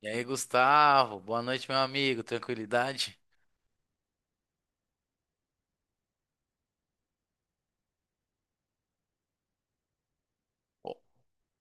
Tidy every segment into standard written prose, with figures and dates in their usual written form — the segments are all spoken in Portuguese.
E aí, Gustavo, boa noite, meu amigo. Tranquilidade?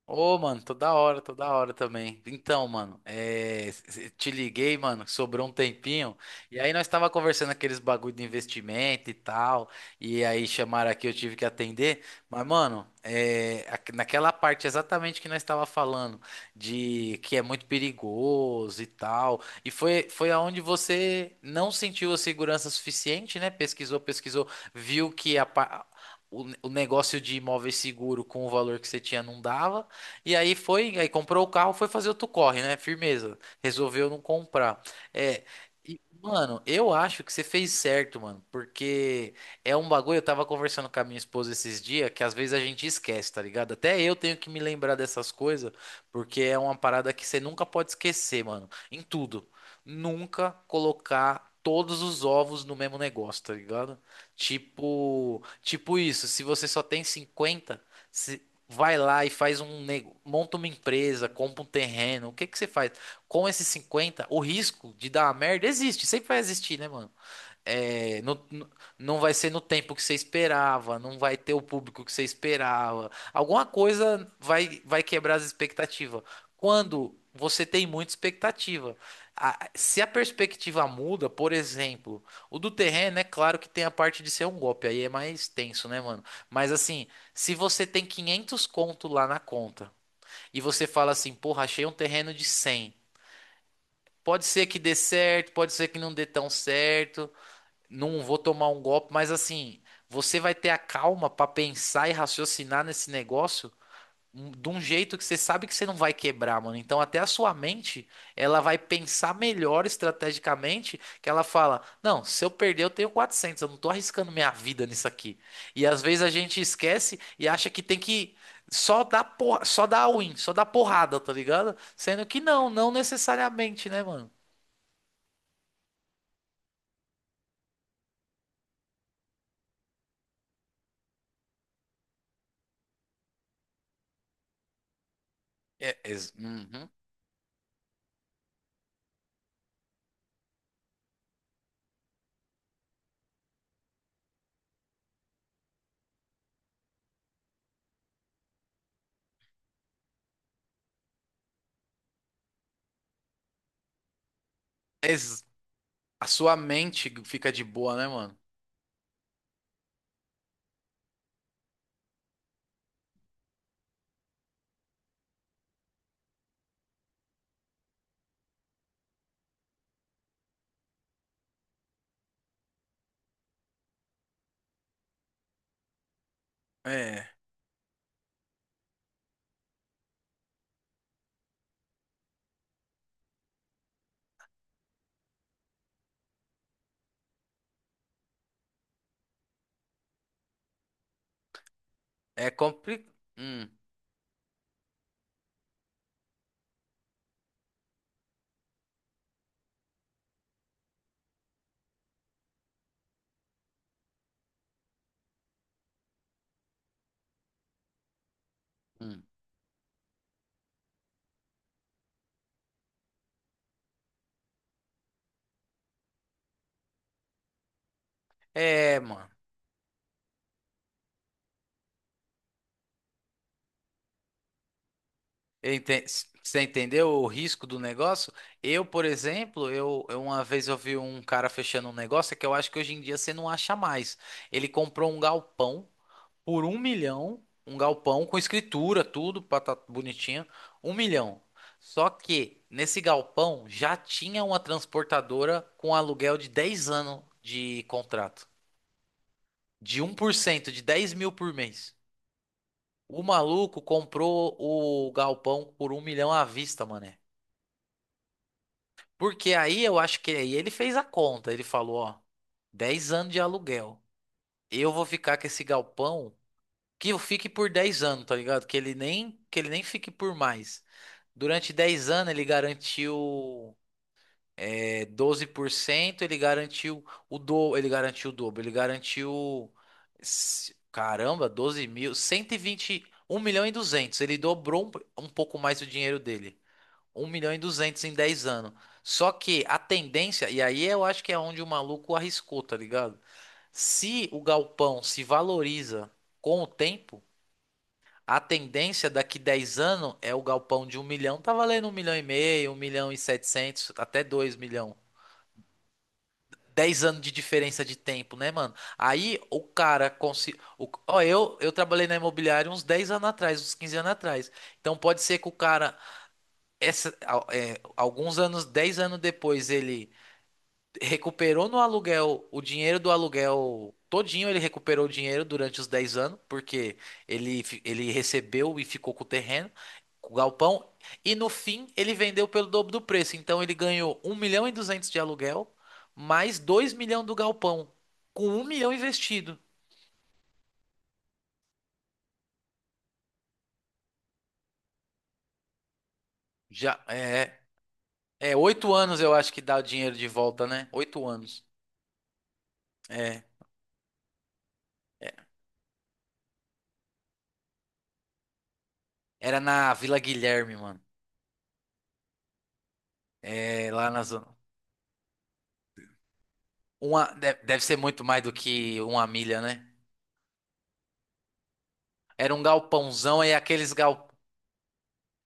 Ô, mano, toda hora também. Então, mano, te liguei, mano, sobrou um tempinho. E aí nós tava conversando aqueles bagulho de investimento e tal. E aí chamaram aqui, eu tive que atender. Mas, mano, naquela parte exatamente que nós tava falando de que é muito perigoso e tal. E foi aonde você não sentiu a segurança suficiente, né? Pesquisou, pesquisou, viu que o negócio de imóvel seguro com o valor que você tinha não dava. E aí comprou o carro, foi fazer outro corre, né? Firmeza. Resolveu não comprar. É, e, mano, eu acho que você fez certo, mano, porque é um bagulho. Eu tava conversando com a minha esposa esses dias que às vezes a gente esquece, tá ligado? Até eu tenho que me lembrar dessas coisas, porque é uma parada que você nunca pode esquecer, mano, em tudo. Nunca colocar. Todos os ovos no mesmo negócio, tá ligado? Tipo isso, se você só tem 50. Vai lá e faz um nego, monta uma empresa, compra um terreno. O que que você faz? Com esses 50 o risco de dar uma merda existe, sempre vai existir, né, mano? É, não vai ser no tempo que você esperava, não vai ter o público que você esperava. Alguma coisa vai quebrar as expectativas. Quando você tem muita expectativa. Se a perspectiva muda, por exemplo, o do terreno é claro que tem a parte de ser um golpe, aí é mais tenso, né, mano? Mas assim, se você tem 500 conto lá na conta e você fala assim, porra, achei um terreno de 100. Pode ser que dê certo, pode ser que não dê tão certo, não vou tomar um golpe, mas assim, você vai ter a calma pra pensar e raciocinar nesse negócio de um jeito que você sabe que você não vai quebrar, mano. Então até a sua mente, ela vai pensar melhor estrategicamente, que ela fala: "Não, se eu perder eu tenho 400 eu não tô arriscando minha vida nisso aqui". E às vezes a gente esquece e acha que tem que. Só dar porra, só dar win, só dar porrada, tá ligado? Sendo que não necessariamente, né, mano? Uhum. Ex- A sua mente fica de boa, né, mano? É. É complicado. É, mano. Eu enten- Você entendeu o risco do negócio? Eu, por exemplo, eu uma vez eu vi um cara fechando um negócio é que eu acho que hoje em dia você não acha mais. Ele comprou um galpão por 1 milhão, um galpão com escritura, tudo, bonitinho, 1 milhão. Só que nesse galpão já tinha uma transportadora com aluguel de 10 anos de contrato. De 1%, de 10 mil por mês. O maluco comprou o galpão por 1 milhão à vista, mané. Porque aí eu acho que aí ele fez a conta. Ele falou, ó, 10 anos de aluguel. Eu vou ficar com esse galpão que eu fique por 10 anos, tá ligado? Que ele nem fique por mais. Durante 10 anos ele garantiu. É 12% ele garantiu ele garantiu o dobro, ele garantiu caramba, 12 mil, 120, 1,2 milhão. Ele dobrou um pouco mais o dinheiro dele. 1,2 milhão em 10 anos. Só que a tendência, e aí eu acho que é onde o maluco arriscou, tá ligado? Se o galpão se valoriza com o tempo, a tendência daqui 10 anos é o galpão de 1 milhão tá valendo 1,5 milhão, 1,7 milhão até 2 milhão. 10 anos de diferença de tempo, né, mano? Aí o cara conseguiu. Ó, eu trabalhei na imobiliária uns 10 anos atrás, uns 15 anos atrás. Então pode ser que o cara, é, alguns anos, 10 anos depois, ele recuperou no aluguel o dinheiro do aluguel todinho, ele recuperou o dinheiro durante os 10 anos, porque ele recebeu e ficou com o terreno, com o galpão, e no fim ele vendeu pelo dobro do preço. Então ele ganhou 1,2 milhão de aluguel, mais 2 milhões do galpão, com 1 milhão investido. Já é, é 8 anos eu acho que dá o dinheiro de volta, né? 8 anos. É, é, era na Vila Guilherme, mano. É, lá na zona. Deve ser muito mais do que uma milha, né? Era um galpãozão e aqueles gal...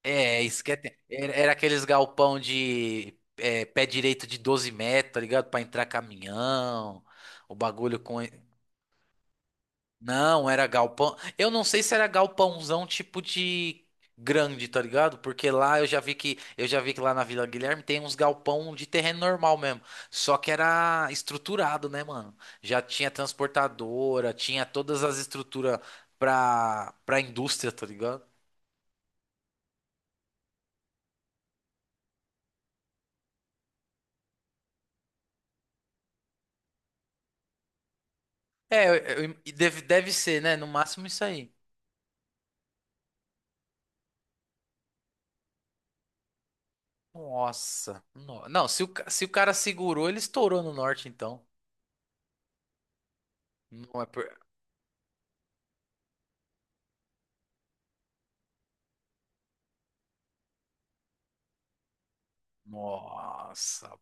Era aqueles galpão de é, pé direito de 12 metros, tá ligado? Pra entrar caminhão, o bagulho com... Não, era galpão. Eu não sei se era galpãozão tipo de grande, tá ligado? Porque lá eu já vi que lá na Vila Guilherme tem uns galpão de terreno normal mesmo. Só que era estruturado, né, mano? Já tinha transportadora, tinha todas as estruturas pra indústria, tá ligado? É, e deve ser, né? No máximo isso aí. Nossa. Não, se o, se o cara segurou, ele estourou no norte, então. Não é por... Nossa,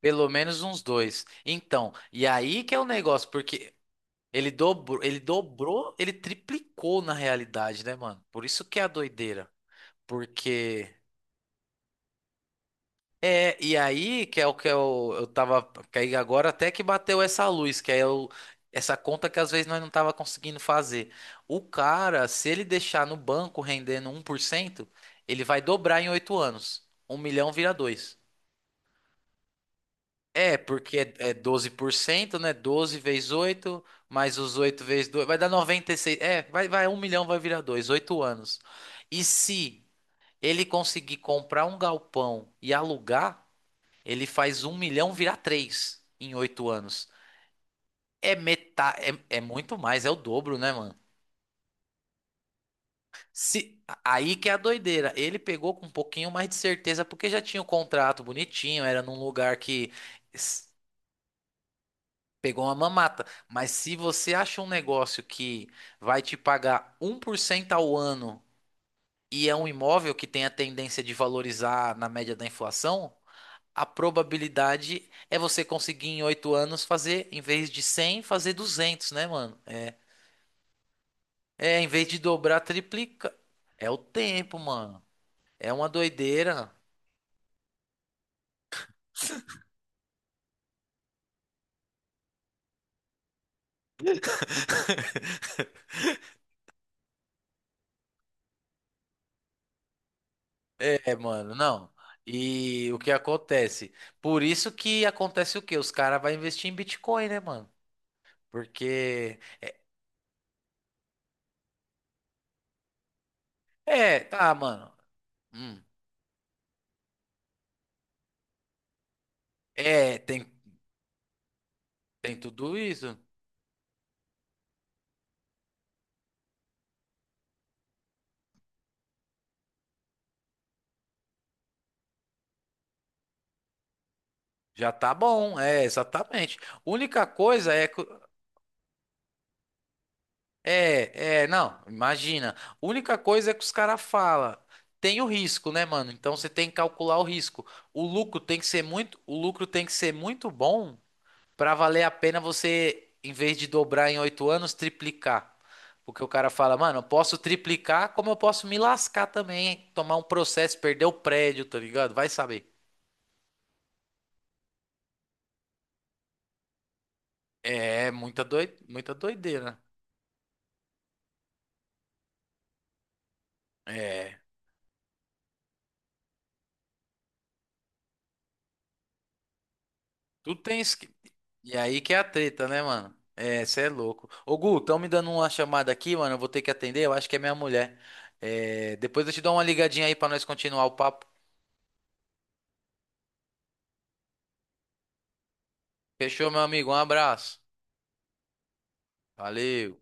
pelo menos uns dois. Então, e aí que é o negócio, porque ele dobrou, ele dobrou, ele triplicou na realidade, né, mano? Por isso que é a doideira. Porque é, e aí que é o que eu tava, que aí agora até que bateu essa luz, que é o, essa conta que às vezes nós não tava conseguindo fazer. O cara, se ele deixar no banco rendendo 1%, ele vai dobrar em 8 anos. Um milhão vira dois. É, porque é 12%, né? 12 vezes 8 mais os 8 vezes 2 vai dar 96. É, vai, vai, 1 milhão vai virar 2 8 anos. E se ele conseguir comprar um galpão e alugar, ele faz um milhão virar 3 em 8 anos. É metade, é, é muito mais, é o dobro, né, mano? Se, aí que é a doideira. Ele pegou com um pouquinho mais de certeza, porque já tinha o contrato bonitinho, era num lugar que. Pegou uma mamata. Mas se você acha um negócio que vai te pagar 1% ao ano e é um imóvel que tem a tendência de valorizar na média da inflação, a probabilidade é você conseguir em 8 anos fazer, em vez de 100, fazer 200, né, mano? É, é em vez de dobrar, triplica. É o tempo, mano. É uma doideira. É, mano, não. E o que acontece? Por isso que acontece o quê? Os caras vão investir em Bitcoin, né, mano? Porque é, tá, mano. Hum. É, tem tudo isso. Já tá bom, é, exatamente. Única coisa é que. É, é, não, imagina. Única coisa é que os caras falam. Tem o risco, né, mano? Então você tem que calcular o risco. O lucro tem que ser muito bom pra valer a pena você, em vez de dobrar em 8 anos, triplicar. Porque o cara fala, mano, eu posso triplicar, como eu posso me lascar também, hein? Tomar um processo, perder o prédio, tá ligado? Vai saber. É, muita doideira. É, tu tens que... E aí que é a treta, né, mano? É, você é louco. Ô, Gu, estão me dando uma chamada aqui, mano. Eu vou ter que atender. Eu acho que é minha mulher. É, depois eu te dou uma ligadinha aí pra nós continuar o papo. Fechou, meu amigo? Um abraço. Valeu.